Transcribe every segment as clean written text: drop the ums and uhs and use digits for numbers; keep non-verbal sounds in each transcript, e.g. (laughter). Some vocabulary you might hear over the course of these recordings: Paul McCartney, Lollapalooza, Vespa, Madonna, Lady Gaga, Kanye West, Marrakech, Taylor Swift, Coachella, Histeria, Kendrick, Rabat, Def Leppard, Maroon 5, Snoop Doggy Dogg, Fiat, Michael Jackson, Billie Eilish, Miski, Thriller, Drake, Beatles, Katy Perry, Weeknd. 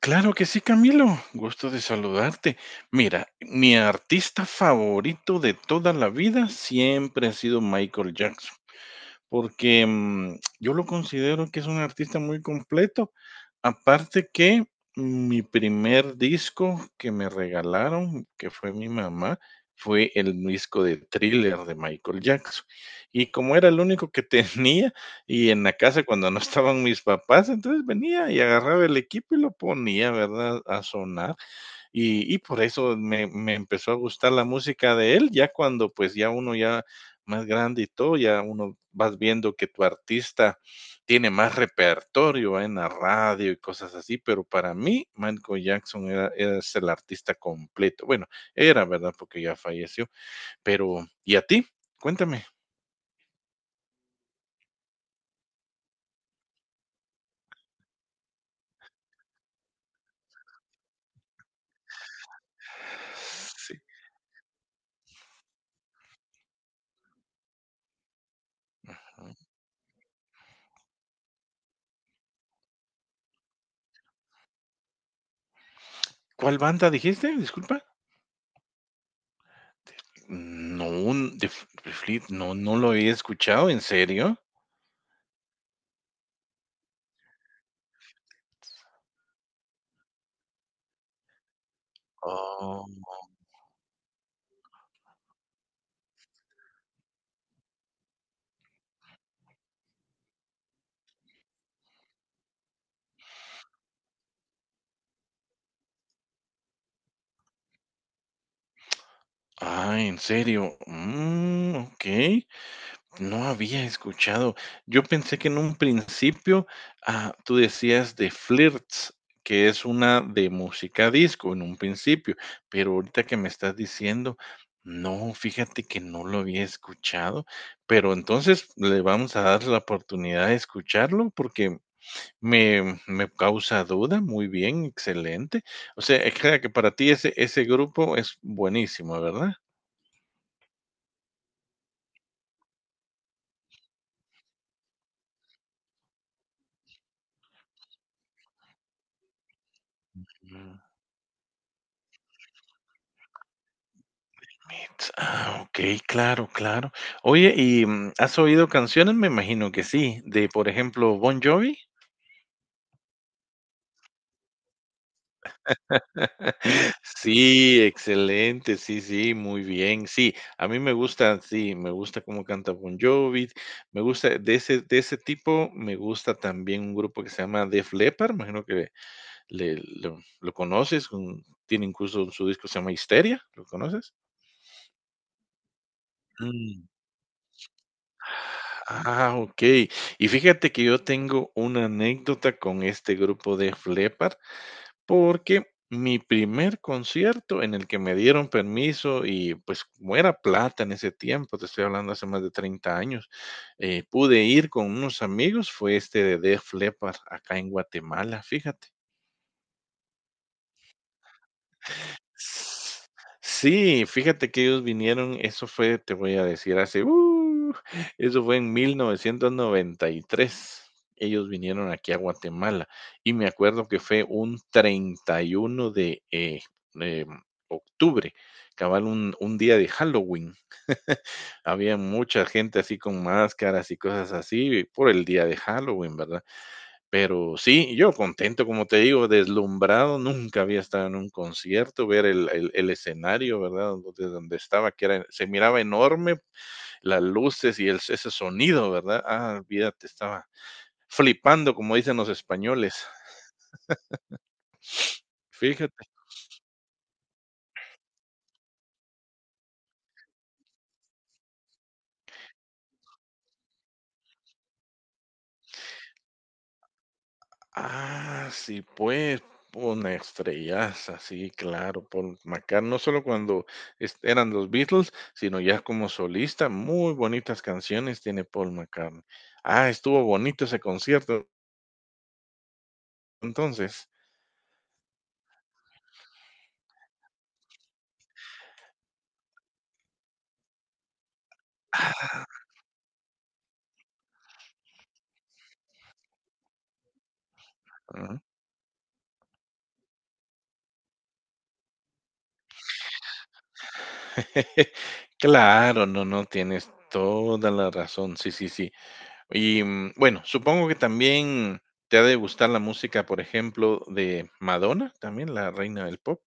Claro que sí, Camilo. Gusto de saludarte. Mira, mi artista favorito de toda la vida siempre ha sido Michael Jackson, porque yo lo considero que es un artista muy completo. Aparte que mi primer disco que me regalaron, que fue mi mamá, fue el disco de Thriller de Michael Jackson. Y como era el único que (laughs) tenía, y en la casa cuando no estaban mis papás, entonces venía y agarraba el equipo y lo ponía, ¿verdad? A sonar. Y por eso me empezó a gustar la música de él, ya cuando, pues, ya uno ya más grande y todo, ya uno vas viendo que tu artista tiene más repertorio, ¿eh?, en la radio y cosas así, pero para mí Michael Jackson es el artista completo. Bueno, era verdad porque ya falleció, pero ¿y a ti? Cuéntame. Sí. ¿Cuál banda dijiste? Disculpa. No, un- de Fl- de Fleet- no, no lo he escuchado, ¿en serio? Ah, ¿en serio? Mm, ok. No había escuchado. Yo pensé que en un principio, ah, tú decías de Flirts, que es una de música disco en un principio, pero ahorita que me estás diciendo, no, fíjate que no lo había escuchado, pero entonces le vamos a dar la oportunidad de escucharlo porque me causa duda. Muy bien, excelente. O sea, es que para ti ese grupo es buenísimo, ¿verdad? Ah, okey, claro, claro. Oye, ¿has oído canciones? Me imagino que sí, de, por ejemplo, Bon Jovi. (laughs) Sí, excelente, sí, sí, muy bien. Sí, a mí me gusta, sí, me gusta cómo canta Bon Jovi, me gusta de ese tipo, me gusta también un grupo que se llama Def Leppard, imagino que le lo conoces, un tiene incluso su disco que se llama Histeria, ¿lo conoces? Mm. Ah, okey. Y fíjate que yo tengo una anécdota con este grupo de Leppard, porque mi primer concierto en el que me dieron permiso y, pues, como era plata en ese tiempo, te estoy hablando hace más de 30 años, pude ir con unos amigos, fue este de Def Leppard acá en Guatemala, fíjate. Sí, fíjate que ellos vinieron, eso fue, te voy a decir, eso fue en 1993. Ellos vinieron aquí a Guatemala y me acuerdo que fue un 31 de em, octubre, cabal un día de Halloween. Había mucha gente así con máscaras y cosas así por el día de Halloween, ¿verdad? Pero sí, yo contento, como te digo, deslumbrado, nunca había estado en un concierto, ver el escenario, ¿verdad? Donde estaba, que era, se miraba enorme, las luces y ese sonido, ¿verdad? Ah, olvídate, estaba flipando, como dicen los españoles. Fíjate. Ah, sí, pues, una estrellaza, sí, claro, Paul McCartney, no solo cuando eran los Beatles, sino ya como solista, muy bonitas canciones tiene Paul McCartney. Ah, estuvo bonito ese concierto, entonces. Ah, ah. (laughs) Claro, no, no, tienes toda la razón, sí, sí, sí. Y bueno, supongo que también te ha de gustar la música, por ejemplo, de Madonna, también la reina del pop.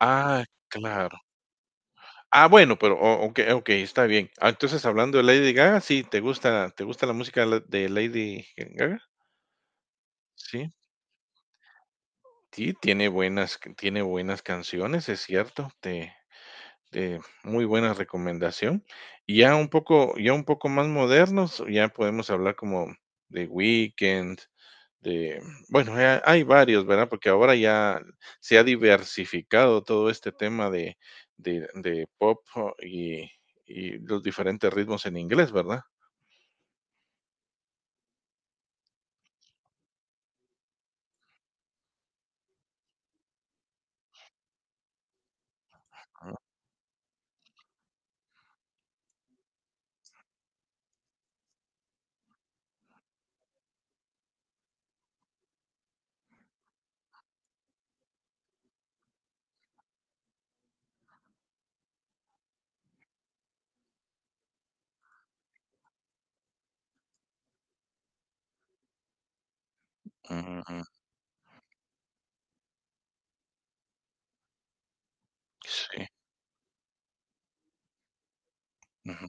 Ah, claro. Ah, bueno, pero o okey, okey, está bien. Ah, entonces, hablando de Lady Gaga, sí, ¿te gusta la música de Lady Gaga? Sí, sí, tiene buenas canciones, es cierto, te muy buena recomendación. Y ya un poco más modernos, ya podemos hablar como de Weekend. de, bueno, hay varios, ¿verdad? Porque ahora ya se ha diversificado todo este tema de pop, y los diferentes ritmos en inglés, ¿verdad? Ujú. Sí. Ujú.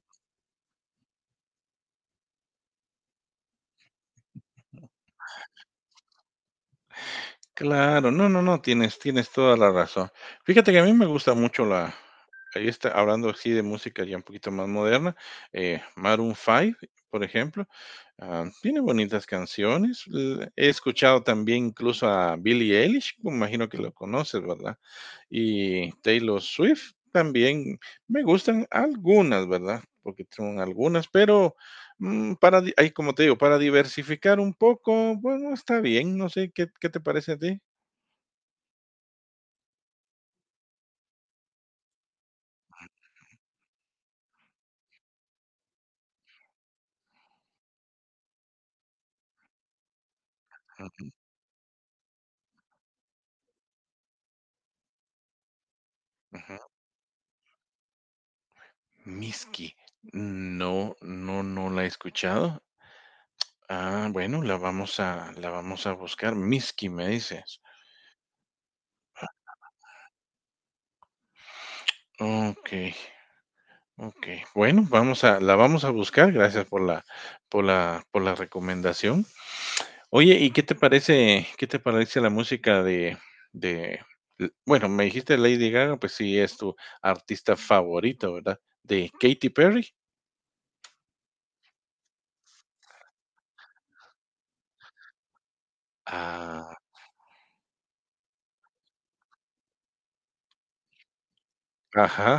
Claro, no, no, no, tienes toda la razón. Fíjate que a mí me gusta mucho ahí está, hablando así de música ya un poquito más moderna, Maroon 5, por ejemplo. Ah, tiene bonitas canciones. He escuchado también incluso a Billie Eilish, me imagino que lo conoces, ¿verdad? Y Taylor Swift también me gustan algunas, ¿verdad? Porque son algunas, pero ahí, como te digo, para diversificar un poco, bueno, está bien, no sé, ¿qué te parece a ti? Ujú, ujú. Miski. No, no, no la he escuchado. Ah, bueno, la vamos a buscar. Miski, me dices. Ok. Ok, bueno, vamos a buscar, gracias por la recomendación. Oye, ¿y qué te parece la música de l bueno, me dijiste Lady Gaga, pues sí es tu artista favorito, ¿verdad? ¿De Katy Perry? Ah, ajá,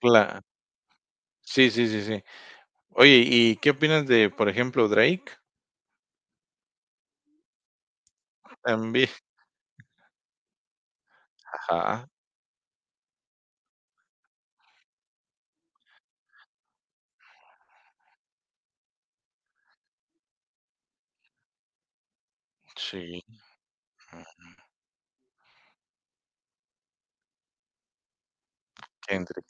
cla sí, sí, sí, sí. Oye, ¿y qué opinas de, por ejemplo, Drake? También, ajá, sí, mm, Kendrick.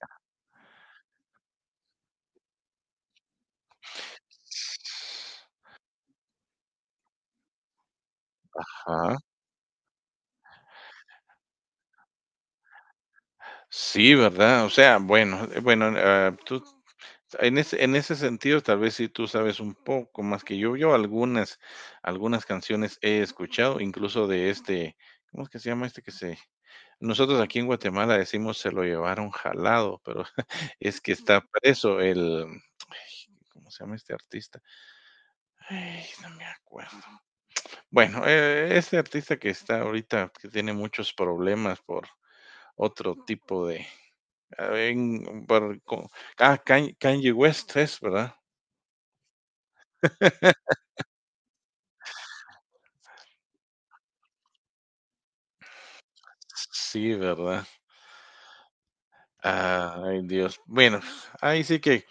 Ajá. Sí, ¿verdad? O sea, bueno, bueno, ah, tú en ese sentido, tal vez sí tú sabes un poco más que yo. Yo algunas canciones he escuchado, incluso de este, ¿cómo es que se llama este que se? Nosotros aquí en Guatemala decimos: "Se lo llevaron jalado", pero (laughs) es que está preso ay, ¿cómo se llama este artista? Ay, no me acuerdo. Bueno, este artista que está ahorita, que tiene muchos problemas por otro tipo de... Ah, ah, Kanye West es, ¿verdad? (laughs) Sí, ¿verdad? Ay, Dios. Bueno, ahí sí que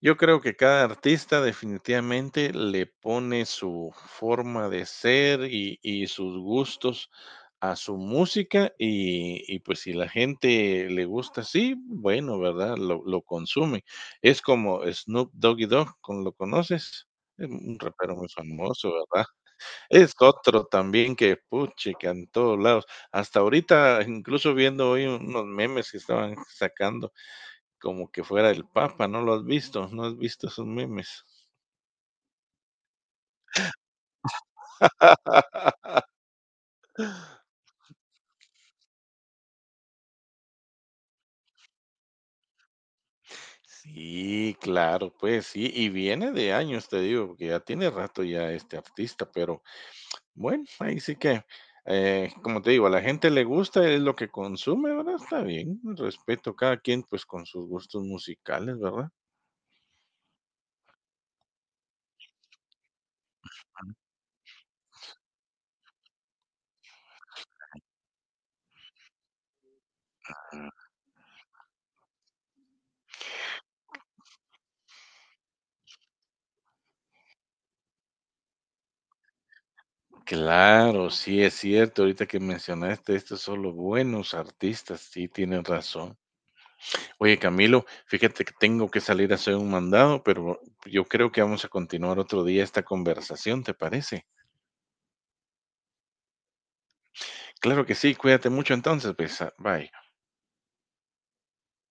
yo creo que cada artista definitivamente le pone su forma de ser y sus gustos a su música, y pues si la gente le gusta así, bueno, ¿verdad? Lo consume. Es como Snoop Doggy Dogg, ¿lo conoces? Es un rapero muy famoso, ¿verdad? Es otro también que, puchica, en todos lados. Hasta ahorita, incluso viendo hoy unos memes que estaban sacando, como que fuera el Papa, ¿no lo has visto? ¿No has visto esos memes? Sí, claro, pues sí, y viene de años, te digo, porque ya tiene rato ya este artista, pero bueno, ahí sí que, como te digo, a la gente le gusta, es lo que consume, ¿verdad? Está bien, respeto cada quien pues con sus gustos musicales, ¿verdad? Claro, sí es cierto. Ahorita que mencionaste estos son los buenos artistas, sí tienes razón. Oye, Camilo, fíjate que tengo que salir a hacer un mandado, pero yo creo que vamos a continuar otro día esta conversación, ¿te parece? Claro que sí, cuídate mucho entonces, pues, ah, bye.